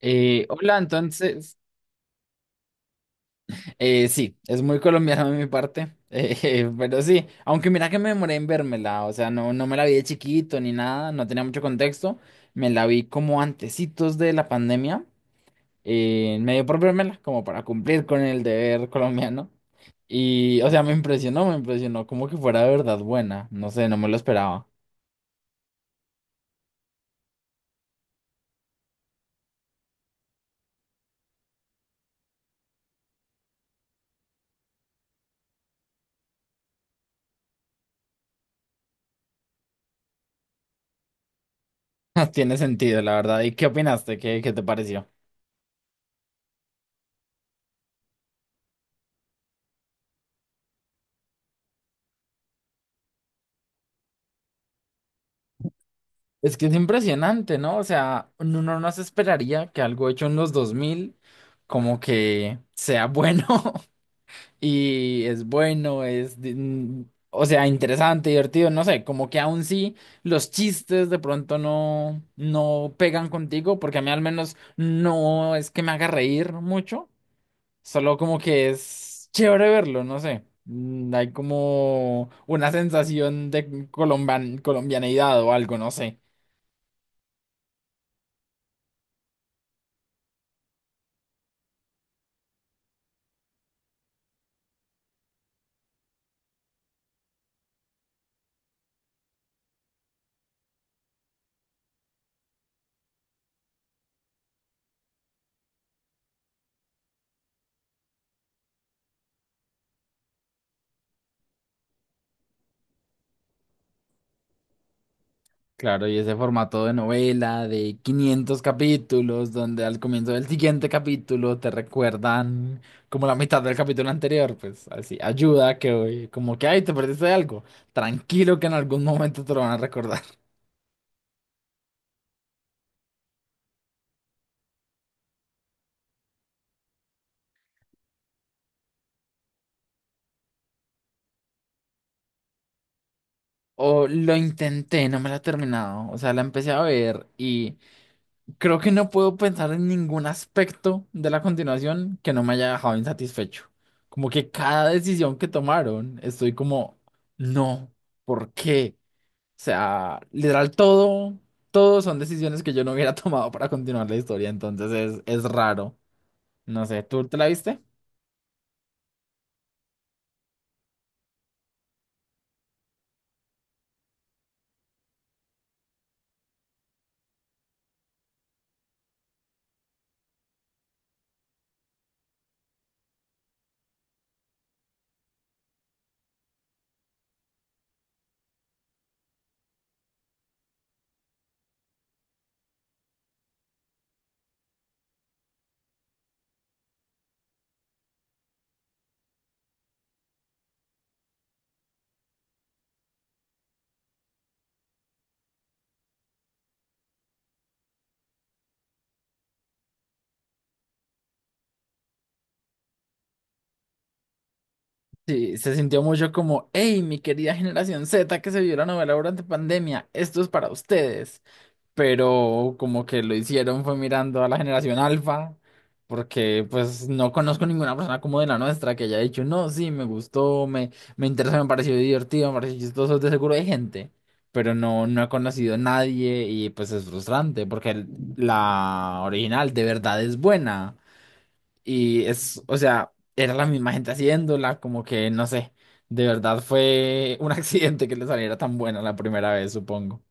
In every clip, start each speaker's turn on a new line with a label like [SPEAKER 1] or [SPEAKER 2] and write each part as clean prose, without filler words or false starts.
[SPEAKER 1] Hola, entonces, sí, es muy colombiano de mi parte, pero sí, aunque mira que me demoré en vérmela, o sea, no, no me la vi de chiquito ni nada, no tenía mucho contexto. Me la vi como antecitos de la pandemia, me dio por vérmela, como para cumplir con el deber colombiano, y, o sea, me impresionó como que fuera de verdad buena, no sé, no me lo esperaba. Tiene sentido, la verdad, ¿y qué opinaste? ¿Qué te pareció? Es que es impresionante, ¿no? O sea, uno no se esperaría que algo hecho en los 2000 como que sea bueno. Y es bueno, o sea, interesante, divertido, no sé, como que aún sí los chistes de pronto no, no pegan contigo, porque a mí al menos no es que me haga reír mucho, solo como que es chévere verlo, no sé. Hay como una sensación de colombianidad o algo, no sé. Claro, y ese formato de novela de 500 capítulos, donde al comienzo del siguiente capítulo te recuerdan como la mitad del capítulo anterior, pues así, ayuda que hoy, como que, ay, te perdiste de algo, tranquilo que en algún momento te lo van a recordar. O lo intenté, no me la he terminado, o sea, la empecé a ver y creo que no puedo pensar en ningún aspecto de la continuación que no me haya dejado insatisfecho. Como que cada decisión que tomaron, estoy como, no, ¿por qué? Sea, literal todo, todo son decisiones que yo no hubiera tomado para continuar la historia, entonces es raro. No sé, ¿tú te la viste? Sí, se sintió mucho como, hey, mi querida generación Z que se vio la novela durante pandemia, esto es para ustedes. Pero como que lo hicieron fue mirando a la generación alfa, porque pues no conozco ninguna persona como de la nuestra que haya dicho, no, sí, me gustó, me interesó, me pareció divertido, me pareció chistoso, de seguro hay gente, pero no, no he conocido a nadie y pues es frustrante, porque la original de verdad es buena y es, o sea, era la misma gente haciéndola, como que no sé. De verdad fue un accidente que le saliera tan buena la primera vez, supongo.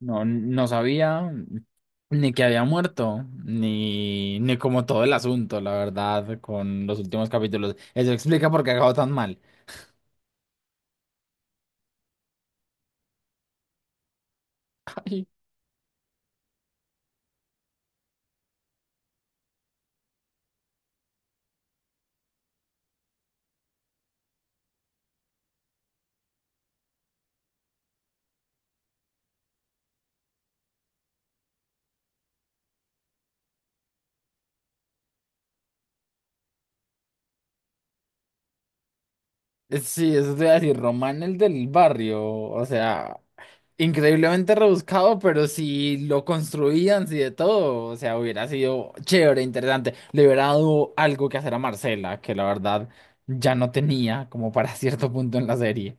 [SPEAKER 1] No, no sabía ni que había muerto, ni como todo el asunto, la verdad, con los últimos capítulos. Eso explica por qué acabó tan mal. Ay. Sí, eso te iba a decir, Román el del barrio, o sea, increíblemente rebuscado, pero si lo construían, si de todo, o sea, hubiera sido chévere, interesante. Le hubiera dado algo que hacer a Marcela, que la verdad ya no tenía como para cierto punto en la serie.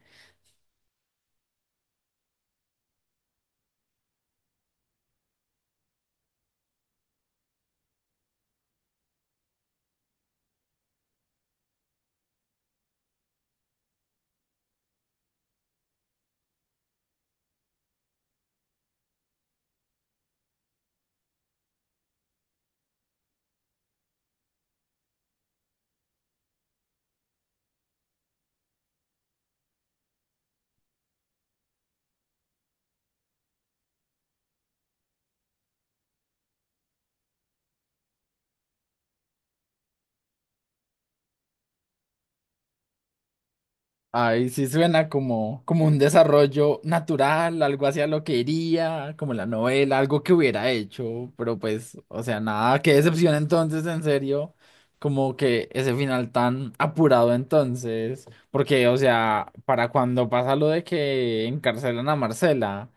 [SPEAKER 1] Ay, sí suena como, como un desarrollo natural, algo hacia lo que iría, como la novela, algo que hubiera hecho, pero pues, o sea, nada, qué decepción entonces, en serio, como que ese final tan apurado entonces, porque, o sea, para cuando pasa lo de que encarcelan a Marcela,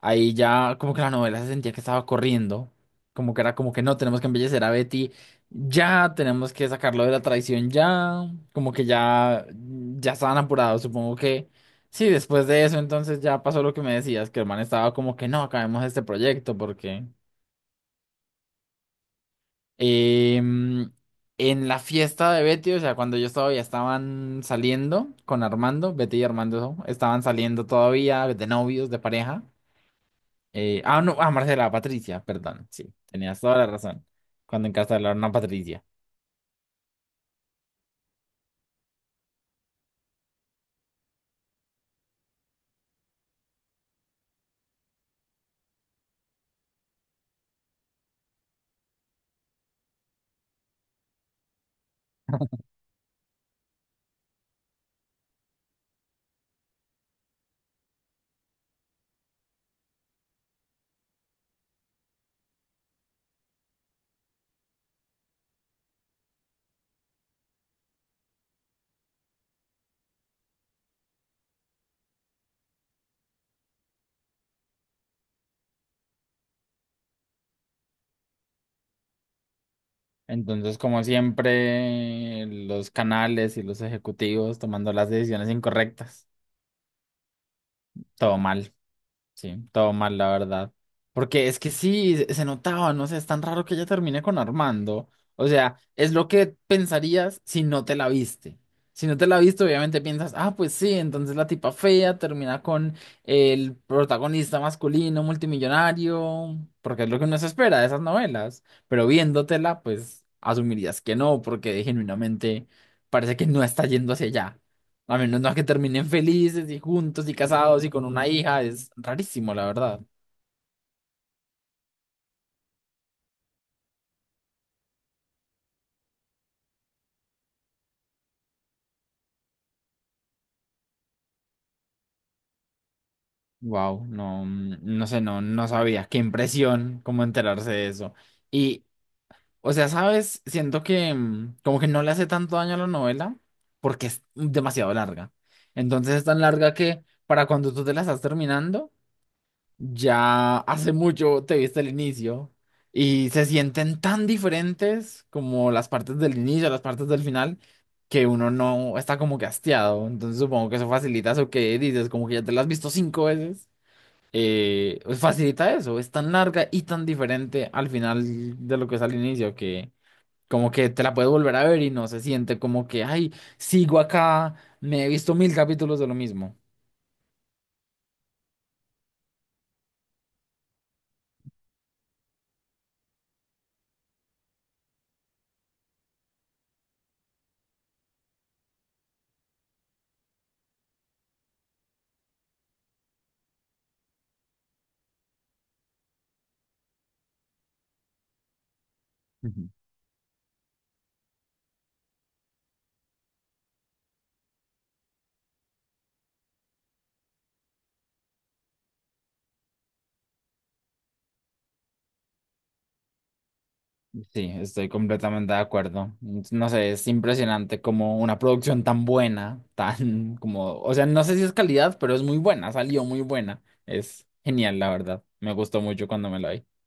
[SPEAKER 1] ahí ya como que la novela se sentía que estaba corriendo, como que era como que no, tenemos que embellecer a Betty, ya tenemos que sacarlo de la traición ya, como que ya, ya estaban apurados, supongo que sí, después de eso entonces ya pasó lo que me decías, que el man estaba como que no, acabemos este proyecto porque em, en la fiesta de Betty, o sea, cuando yo estaba ya estaban saliendo con Armando, Betty y Armando estaban saliendo todavía de novios, de pareja. Ah, no, ah, Marcela, Patricia, perdón, sí, tenías toda la razón, cuando encarcelaron a Patricia. Entonces, como siempre, los canales y los ejecutivos tomando las decisiones incorrectas, todo mal. Sí, todo mal, la verdad. Porque es que sí, se notaba, no sé, es tan raro que ella termine con Armando. O sea, es lo que pensarías si no te la viste. Si no te la viste, obviamente piensas, ah, pues sí, entonces la tipa fea termina con el protagonista masculino multimillonario, porque es lo que uno se espera de esas novelas. Pero viéndotela, pues asumirías que no, porque genuinamente parece que no está yendo hacia allá. A menos no que terminen felices y juntos y casados y con una hija, es rarísimo, la verdad. Wow, no, no sé, no, no sabía. Qué impresión, cómo enterarse de eso. Y, o sea, ¿sabes? Siento que como que no le hace tanto daño a la novela porque es demasiado larga. Entonces es tan larga que para cuando tú te la estás terminando, ya hace mucho te viste el inicio y se sienten tan diferentes como las partes del inicio, las partes del final, que uno no está como que hastiado. Entonces supongo que eso facilita eso que dices, como que ya te lo has visto cinco veces. Pues facilita eso, es tan larga y tan diferente al final de lo que es al inicio que como que te la puedes volver a ver y no se siente como que, ay, sigo acá, me he visto 1000 capítulos de lo mismo. Sí, estoy completamente de acuerdo. No sé, es impresionante como una producción tan buena, tan como, o sea, no sé si es calidad, pero es muy buena, salió muy buena. Es genial, la verdad. Me gustó mucho cuando me la vi.